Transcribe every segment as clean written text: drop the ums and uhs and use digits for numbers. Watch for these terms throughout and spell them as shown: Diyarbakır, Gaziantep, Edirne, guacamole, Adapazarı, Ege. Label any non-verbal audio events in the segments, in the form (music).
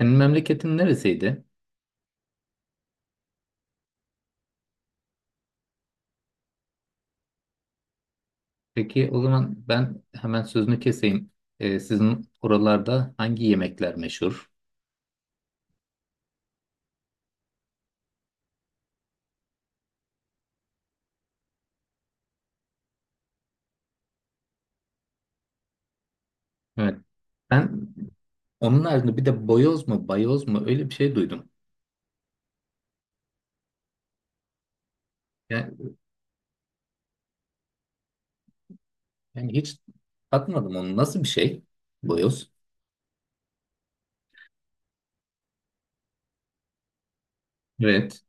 Senin memleketin neresiydi? Peki o zaman ben hemen sözünü keseyim. Sizin oralarda hangi yemekler meşhur? Evet. Ben onun haricinde bir de boyoz mu, bayoz mu öyle bir şey duydum. Yani, yani hiç tatmadım onu. Nasıl bir şey? Boyoz. Evet.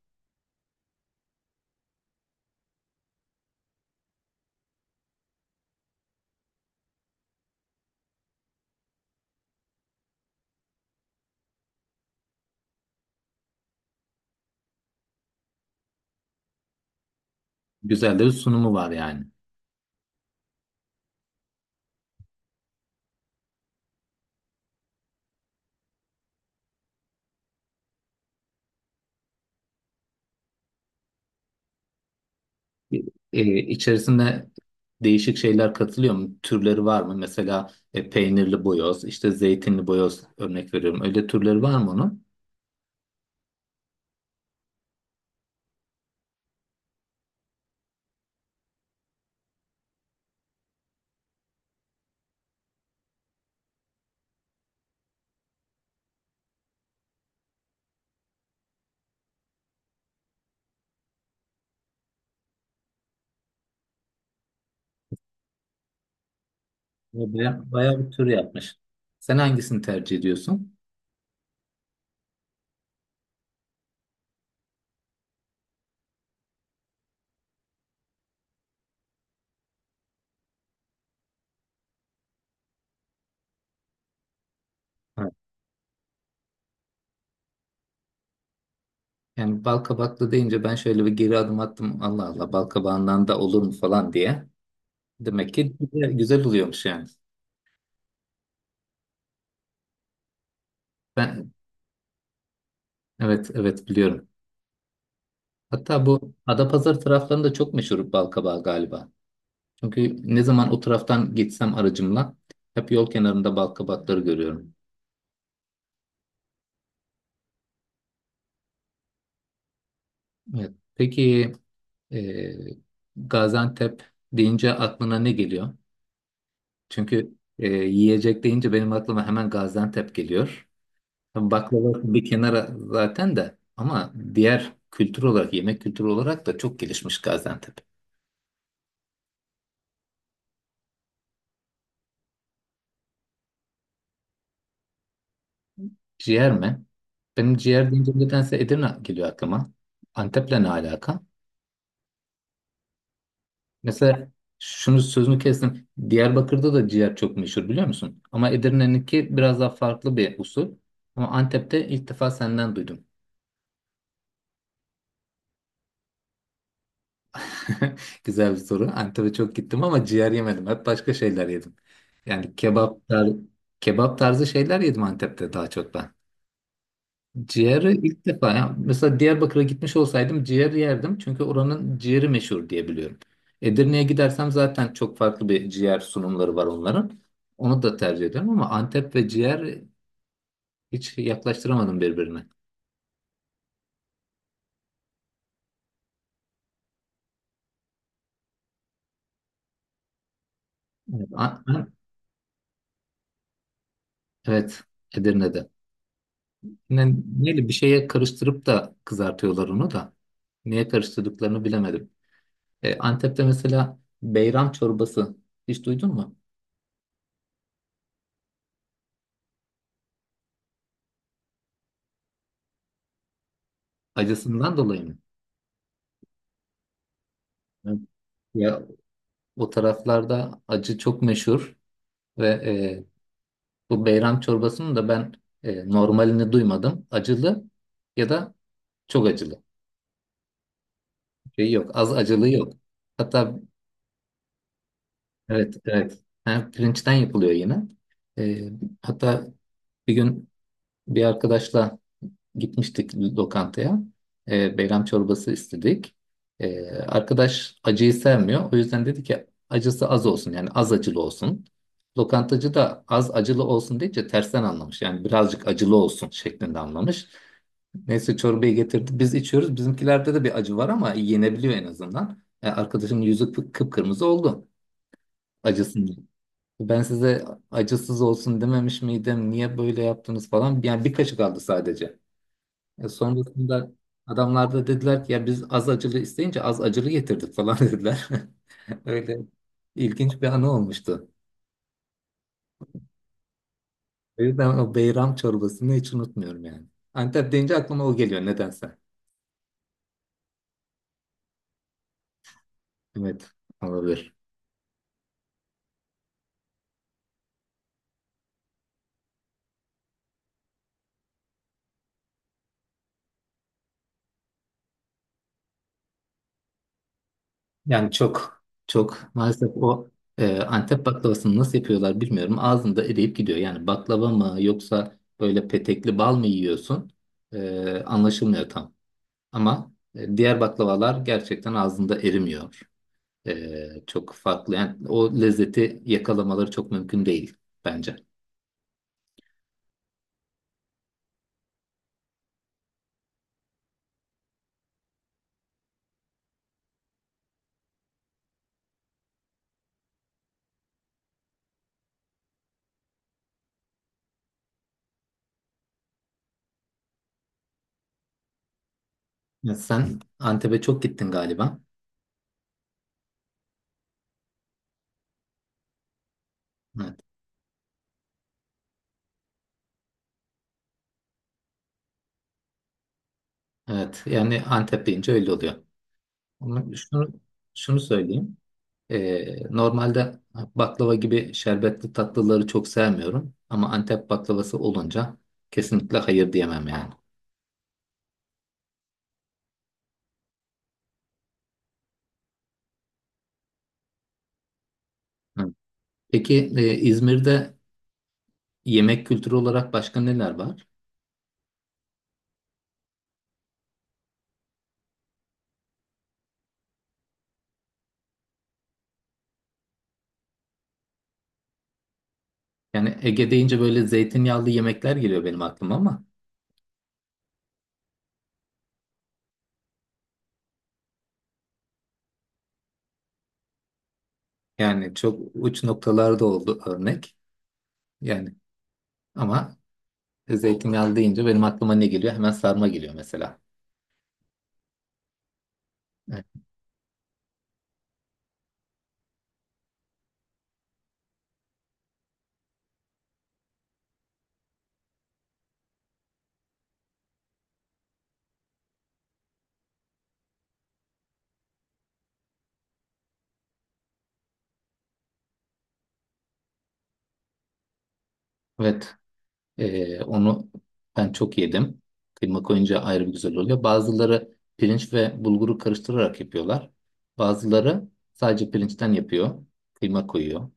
Güzel de bir sunumu var yani. İçerisinde değişik şeyler katılıyor mu? Türleri var mı? Mesela peynirli boyoz, işte zeytinli boyoz örnek veriyorum. Öyle türleri var mı onun? Bayağı bir tur yapmış. Sen hangisini tercih ediyorsun? Evet. Yani bal kabaklı deyince ben şöyle bir geri adım attım. Allah Allah bal kabağından da olur mu falan diye. Demek ki güzel, güzel oluyormuş yani. Ben evet, evet biliyorum. Hatta bu Adapazarı taraflarında çok meşhur bal kabağı galiba. Çünkü ne zaman o taraftan geçsem aracımla hep yol kenarında bal kabakları görüyorum. Evet. Peki, e, Gaziantep deyince aklına ne geliyor? Çünkü yiyecek deyince benim aklıma hemen Gaziantep geliyor. Tabii baklava bir kenara zaten de ama diğer kültür olarak, yemek kültürü olarak da çok gelişmiş Gaziantep. Ciğer mi? Benim ciğer deyince nedense Edirne geliyor aklıma. Antep'le ne alaka? Mesela sözünü kestim. Diyarbakır'da da ciğer çok meşhur biliyor musun? Ama Edirne'ninki biraz daha farklı bir usul. Ama Antep'te ilk defa senden duydum. (laughs) Güzel bir soru. Antep'e çok gittim ama ciğer yemedim. Hep başka şeyler yedim. Yani kebap tarzı, kebap tarzı şeyler yedim Antep'te daha çok ben. Ciğeri ilk defa. Ya mesela Diyarbakır'a gitmiş olsaydım ciğer yerdim. Çünkü oranın ciğeri meşhur diye biliyorum. Edirne'ye gidersem zaten çok farklı bir ciğer sunumları var onların. Onu da tercih ediyorum ama Antep ve ciğer hiç yaklaştıramadım birbirine. Evet, evet, Edirne'de. Ne, neyle bir şeye karıştırıp da kızartıyorlar onu da. Niye karıştırdıklarını bilemedim. Antep'te mesela beyran çorbası hiç duydun mu? Acısından dolayı mı? Evet. Ya o taraflarda acı çok meşhur ve bu beyran çorbasının da ben normalini duymadım. Acılı ya da çok acılı. Şey yok, az acılı yok. Hatta evet, evet. Ha, pirinçten yapılıyor yine. E, Hatta bir gün bir arkadaşla gitmiştik lokantaya. Beyran çorbası istedik. Arkadaş acıyı sevmiyor. O yüzden dedi ki acısı az olsun yani az acılı olsun. Lokantacı da az acılı olsun deyince tersten anlamış. Yani birazcık acılı olsun şeklinde anlamış. Neyse çorbayı getirdi. Biz içiyoruz. Bizimkilerde de bir acı var ama yenebiliyor en azından. Arkadaşın yüzü kıpkırmızı oldu acısından. Ben size acısız olsun dememiş miydim? Niye böyle yaptınız falan? Yani bir kaşık aldı sadece. Sonrasında adamlar da dediler ki ya biz az acılı isteyince az acılı getirdik falan (laughs) dediler. (laughs) Öyle ilginç bir anı olmuştu. O yüzden o beyram çorbasını hiç unutmuyorum yani. Antep deyince aklıma o geliyor nedense. Evet, olabilir. Yani çok çok maalesef o Antep baklavasını nasıl yapıyorlar bilmiyorum. Ağzında eriyip gidiyor. Yani baklava mı yoksa böyle petekli bal mı yiyorsun? Anlaşılmıyor tam. Ama diğer baklavalar gerçekten ağzında erimiyor. Çok farklı. Yani o lezzeti yakalamaları çok mümkün değil bence. Ya sen Antep'e çok gittin galiba. Evet. Evet. Yani Antep deyince öyle oluyor. Ama şunu söyleyeyim. Normalde baklava gibi şerbetli tatlıları çok sevmiyorum. Ama Antep baklavası olunca kesinlikle hayır diyemem yani. Hı. Peki, İzmir'de yemek kültürü olarak başka neler var? Yani Ege deyince böyle zeytinyağlı yemekler geliyor benim aklıma ama yani çok uç noktalarda oldu örnek. Yani ama zeytinyağlı deyince benim aklıma ne geliyor? Hemen sarma geliyor mesela. Evet. Evet. Onu ben çok yedim. Kıyma koyunca ayrı bir güzel oluyor. Bazıları pirinç ve bulguru karıştırarak yapıyorlar. Bazıları sadece pirinçten yapıyor. Kıyma koyuyor.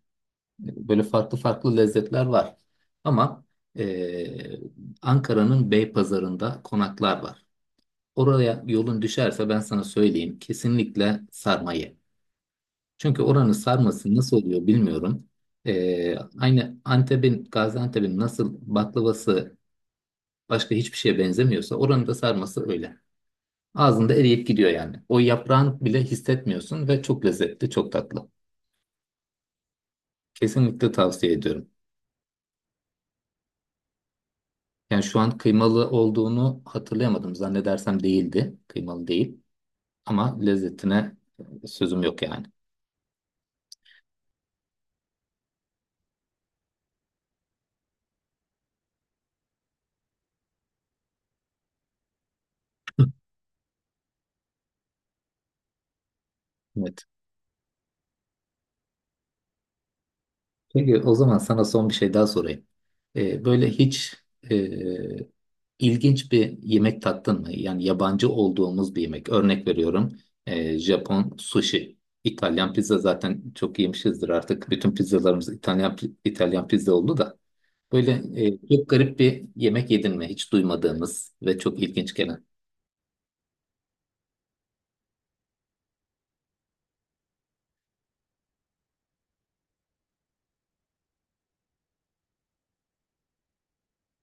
Böyle farklı farklı lezzetler var. Ama eee, Ankara'nın Beypazarı'nda konaklar var. Oraya yolun düşerse ben sana söyleyeyim kesinlikle sarma ye. Çünkü oranın sarması nasıl oluyor bilmiyorum. Aynı Antep'in, Gaziantep'in nasıl baklavası başka hiçbir şeye benzemiyorsa oranın da sarması öyle. Ağzında eriyip gidiyor yani. O yaprağını bile hissetmiyorsun ve çok lezzetli, çok tatlı. Kesinlikle tavsiye ediyorum. Yani şu an kıymalı olduğunu hatırlayamadım. Zannedersem değildi. Kıymalı değil. Ama lezzetine sözüm yok yani. Evet. Peki o zaman sana son bir şey daha sorayım. Böyle hiç e, ilginç bir yemek tattın mı? Yani yabancı olduğumuz bir yemek. Örnek veriyorum. Japon sushi. İtalyan pizza zaten çok yemişizdir artık. Bütün pizzalarımız İtalyan İtalyan pizza oldu da. Böyle çok garip bir yemek yedin mi? Hiç duymadığımız ve çok ilginç gelen.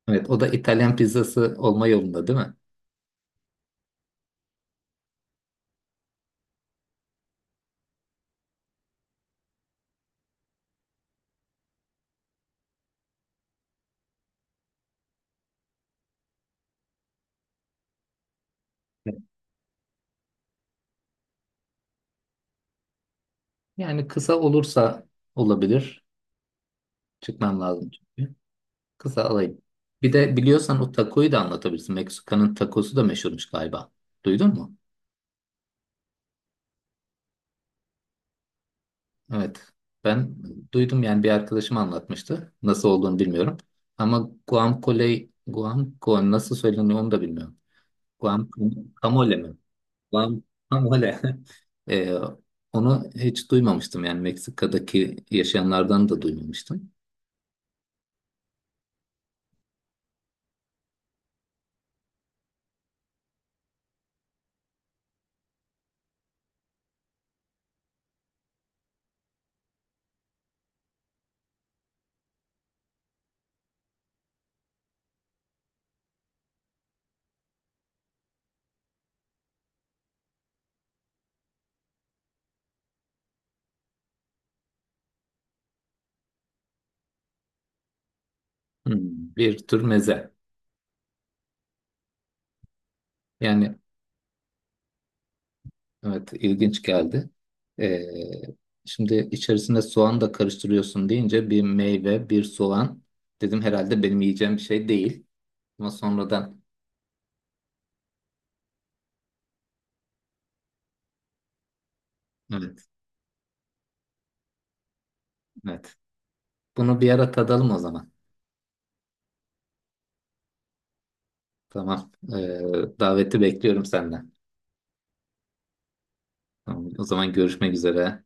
Evet, o da İtalyan pizzası olma yolunda değil mi? Evet. Yani kısa olursa olabilir. Çıkmam lazım çünkü. Kısa alayım. Bir de biliyorsan o takoyu da anlatabilirsin. Meksika'nın takosu da meşhurmuş galiba. Duydun mu? Evet. Ben duydum yani bir arkadaşım anlatmıştı. Nasıl olduğunu bilmiyorum. Ama guacamole, guacamole nasıl söyleniyor onu da bilmiyorum. Guacamole mi? Guacamole. (laughs) Ee, Onu hiç duymamıştım yani Meksika'daki yaşayanlardan da duymamıştım. Hmm, bir tür meze. Yani evet, ilginç geldi. Ee, Şimdi içerisine soğan da karıştırıyorsun deyince bir meyve, bir soğan dedim herhalde benim yiyeceğim bir şey değil. Ama sonradan evet, evet. Bunu bir ara tadalım o zaman. Tamam. Daveti bekliyorum senden. Tamam, o zaman görüşmek üzere.